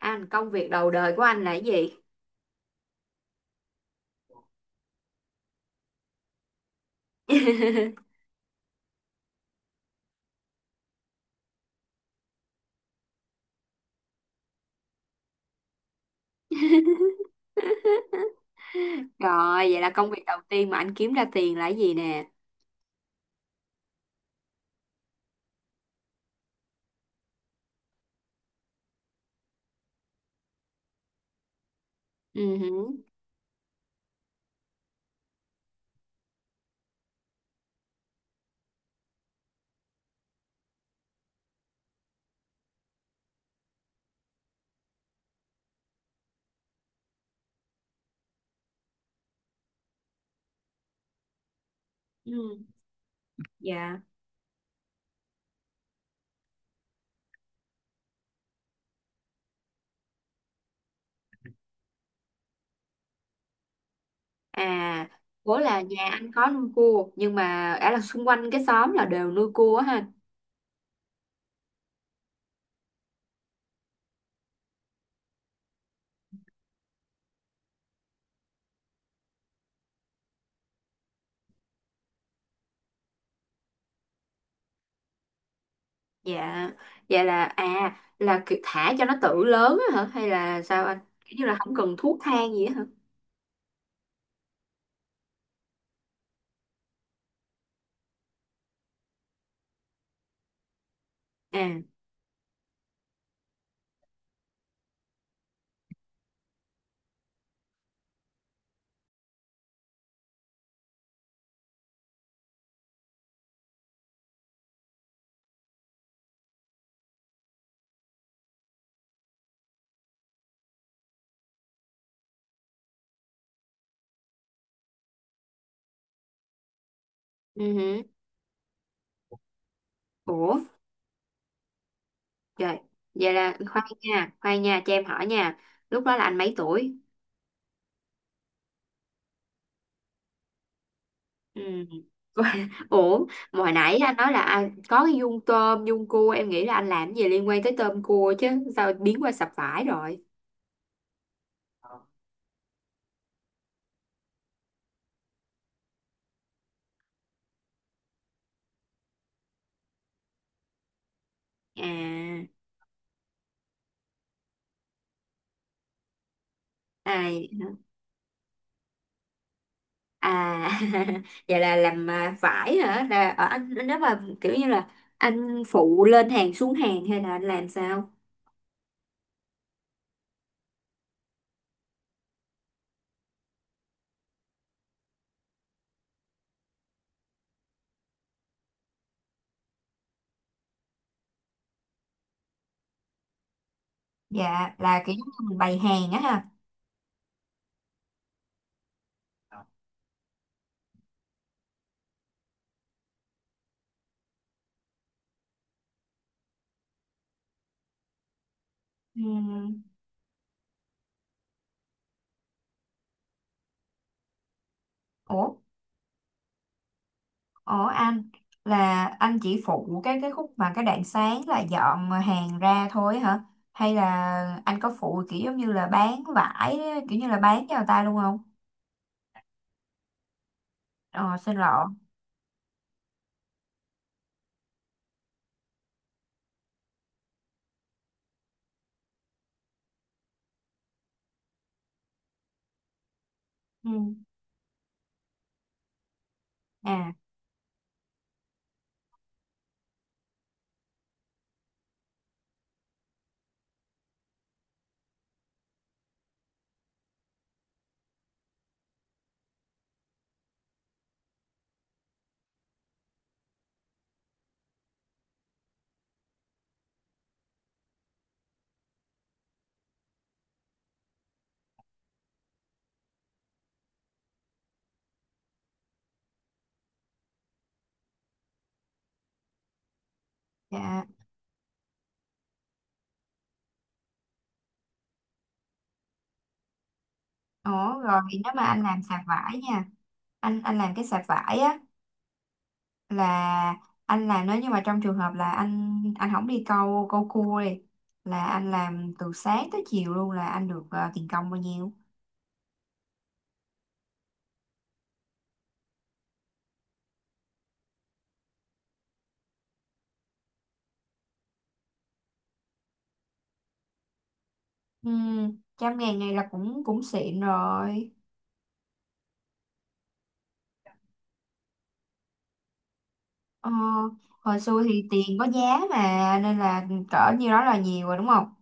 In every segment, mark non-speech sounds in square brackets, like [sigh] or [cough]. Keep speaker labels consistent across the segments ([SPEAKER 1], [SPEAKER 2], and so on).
[SPEAKER 1] Anh, công việc đầu đời của anh là cái gì? [laughs] Rồi, vậy là công việc đầu tiên mà anh kiếm ra tiền là cái gì nè? Ừ, hử. ừ, dạ. À, bố là nhà anh có nuôi cua, nhưng mà ở là xung quanh cái xóm là đều nuôi cua á ha. Dạ, vậy là, là kiểu thả cho nó tự lớn á hả? Hay là sao anh? Kiểu như là không cần thuốc thang gì á hả? À, ừ, hử. Ủa? Trời, vậy là khoan nha, cho em hỏi nha. Lúc đó là anh mấy tuổi? Ừ. [laughs] Ủa, mà hồi nãy anh nói là anh có cái dung tôm, dung cua, em nghĩ là anh làm gì liên quan tới tôm cua chứ, sao biến qua sập vải rồi? À, à, à [laughs] vậy là làm vải hả? Là ở anh nếu mà kiểu như là phụ lên hàng xuống hàng hay là anh làm sao? Dạ, là kiểu giống như mình bày hàng á ha. Ừ. Ủa. Ủa anh, là anh chỉ phụ cái khúc mà cái đoạn sáng là dọn hàng ra thôi hả? Hay là anh có phụ kiểu giống như là bán vải kiểu như là bán cho người ta luôn không? Ờ xin lỗi. Ừ. À dạ. Ủa rồi thì nếu mà anh làm sạp vải nha, anh làm cái sạp vải á, là anh làm nếu như mà trong trường hợp là anh không đi câu câu cua đi, là anh làm từ sáng tới chiều luôn, là anh được tiền công bao nhiêu? Ừ, trăm ngàn này là cũng cũng xịn rồi. Ờ, hồi xưa thì tiền có giá mà nên là cỡ nhiêu đó là nhiều rồi đúng không?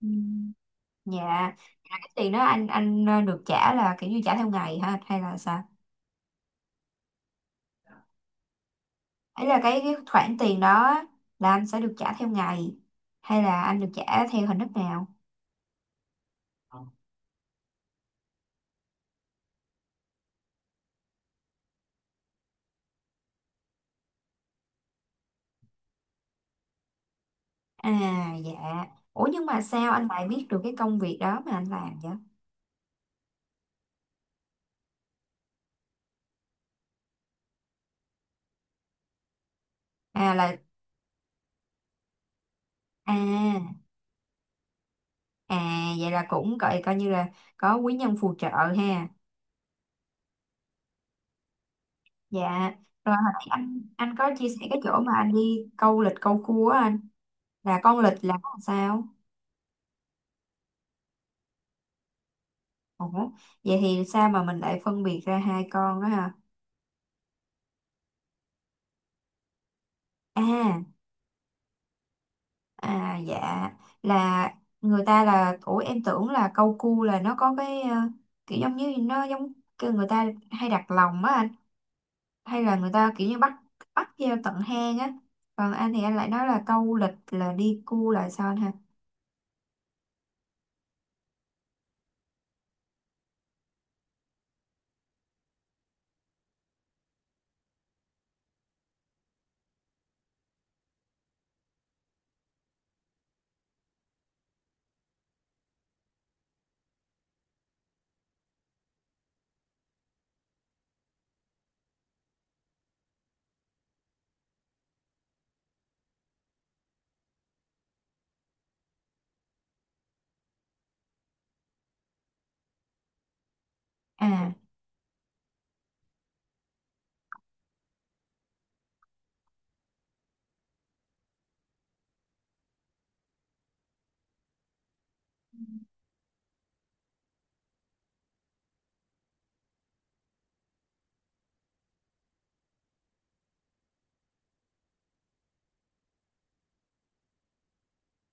[SPEAKER 1] Ừ. Dạ. Là cái tiền đó anh được trả là kiểu như trả theo ngày hả hay là sao? Ấy là cái khoản tiền đó là anh sẽ được trả theo ngày hay là anh được trả theo hình thức nào? À dạ. Ủa nhưng mà sao anh lại biết được cái công việc đó mà anh làm vậy? À là à. À vậy là cũng coi coi như là có quý nhân phù trợ ha. Dạ. Rồi hồi nãy anh có chia sẻ cái chỗ mà anh đi câu lịch câu cua á anh, là con lịch là con sao? Ủa vậy thì sao mà mình lại phân biệt ra hai con đó ha? À, à dạ, là người ta là ủa em tưởng là câu cua là nó có cái kiểu giống như nó giống kêu người ta hay đặt lòng á anh. Hay là người ta kiểu như bắt bắt theo tận hang á, còn anh thì anh lại nói là câu lịch là đi cu lại son ha. À,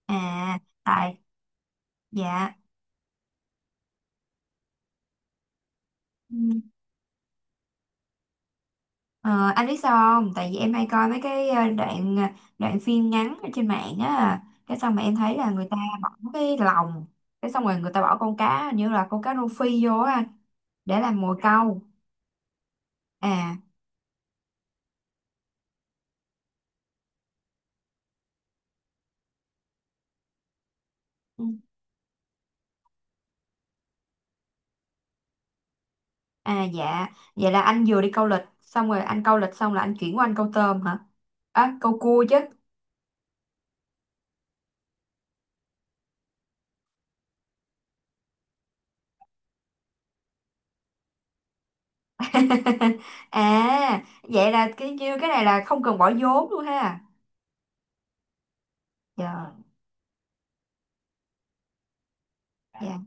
[SPEAKER 1] à tại, dạ. Ừ. Ờ, anh biết sao không, tại vì em hay coi mấy cái đoạn đoạn phim ngắn ở trên mạng á, cái xong mà em thấy là người ta bỏ cái lòng, cái xong rồi người ta bỏ con cá như là con cá rô phi vô á anh, để làm mồi câu. À, ừ. À dạ, vậy là anh vừa đi câu lịch xong rồi anh câu lịch xong là anh chuyển qua anh câu tôm hả, câu cua chứ. [laughs] À vậy là cái như cái này là không cần bỏ vốn luôn ha. Trời. Dạ.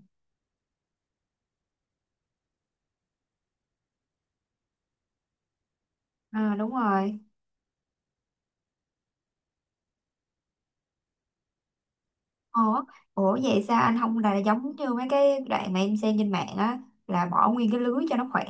[SPEAKER 1] À, đúng rồi. Ủa, ủa vậy sao anh không là giống như mấy cái đoạn mà em xem trên mạng á, là bỏ nguyên cái lưới cho nó khỏe.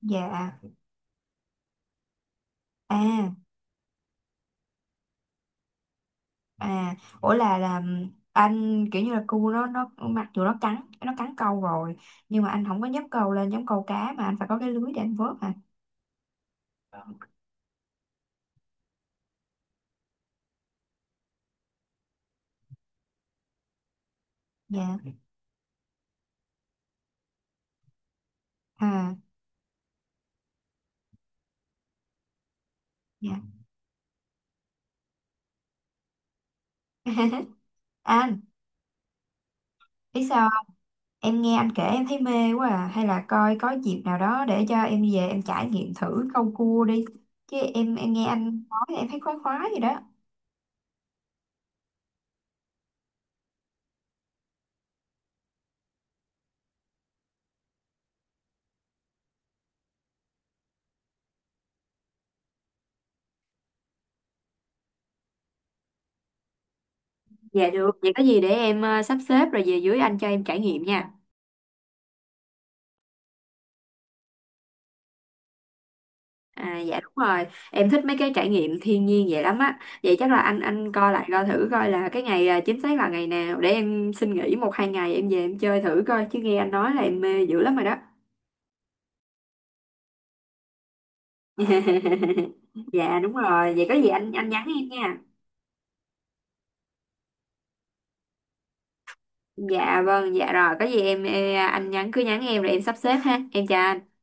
[SPEAKER 1] Dạ. À. À ủa, là anh kiểu như là cu nó mặc dù nó cắn câu rồi nhưng mà anh không có nhấc câu lên giống câu cá mà anh phải có cái lưới để anh vớt hả. Dạ. À dạ. [laughs] Anh biết sao, em nghe anh kể em thấy mê quá à. Hay là coi có dịp nào đó để cho em về em trải nghiệm thử câu cua đi. Chứ em nghe anh nói em thấy khoái khoái gì đó. Dạ được, vậy có gì để em sắp xếp rồi về dưới anh cho em trải nghiệm nha. À, dạ đúng rồi, em thích mấy cái trải nghiệm thiên nhiên vậy lắm á. Vậy chắc là anh coi lại coi thử coi là cái ngày chính xác là ngày nào để em xin nghỉ một hai ngày em về em chơi thử coi chứ nghe anh nói là em mê dữ lắm rồi đó. [laughs] Dạ đúng rồi, vậy có gì anh nhắn em nha. Dạ vâng, dạ rồi có gì em, anh nhắn cứ nhắn em rồi em sắp xếp ha, em chào anh.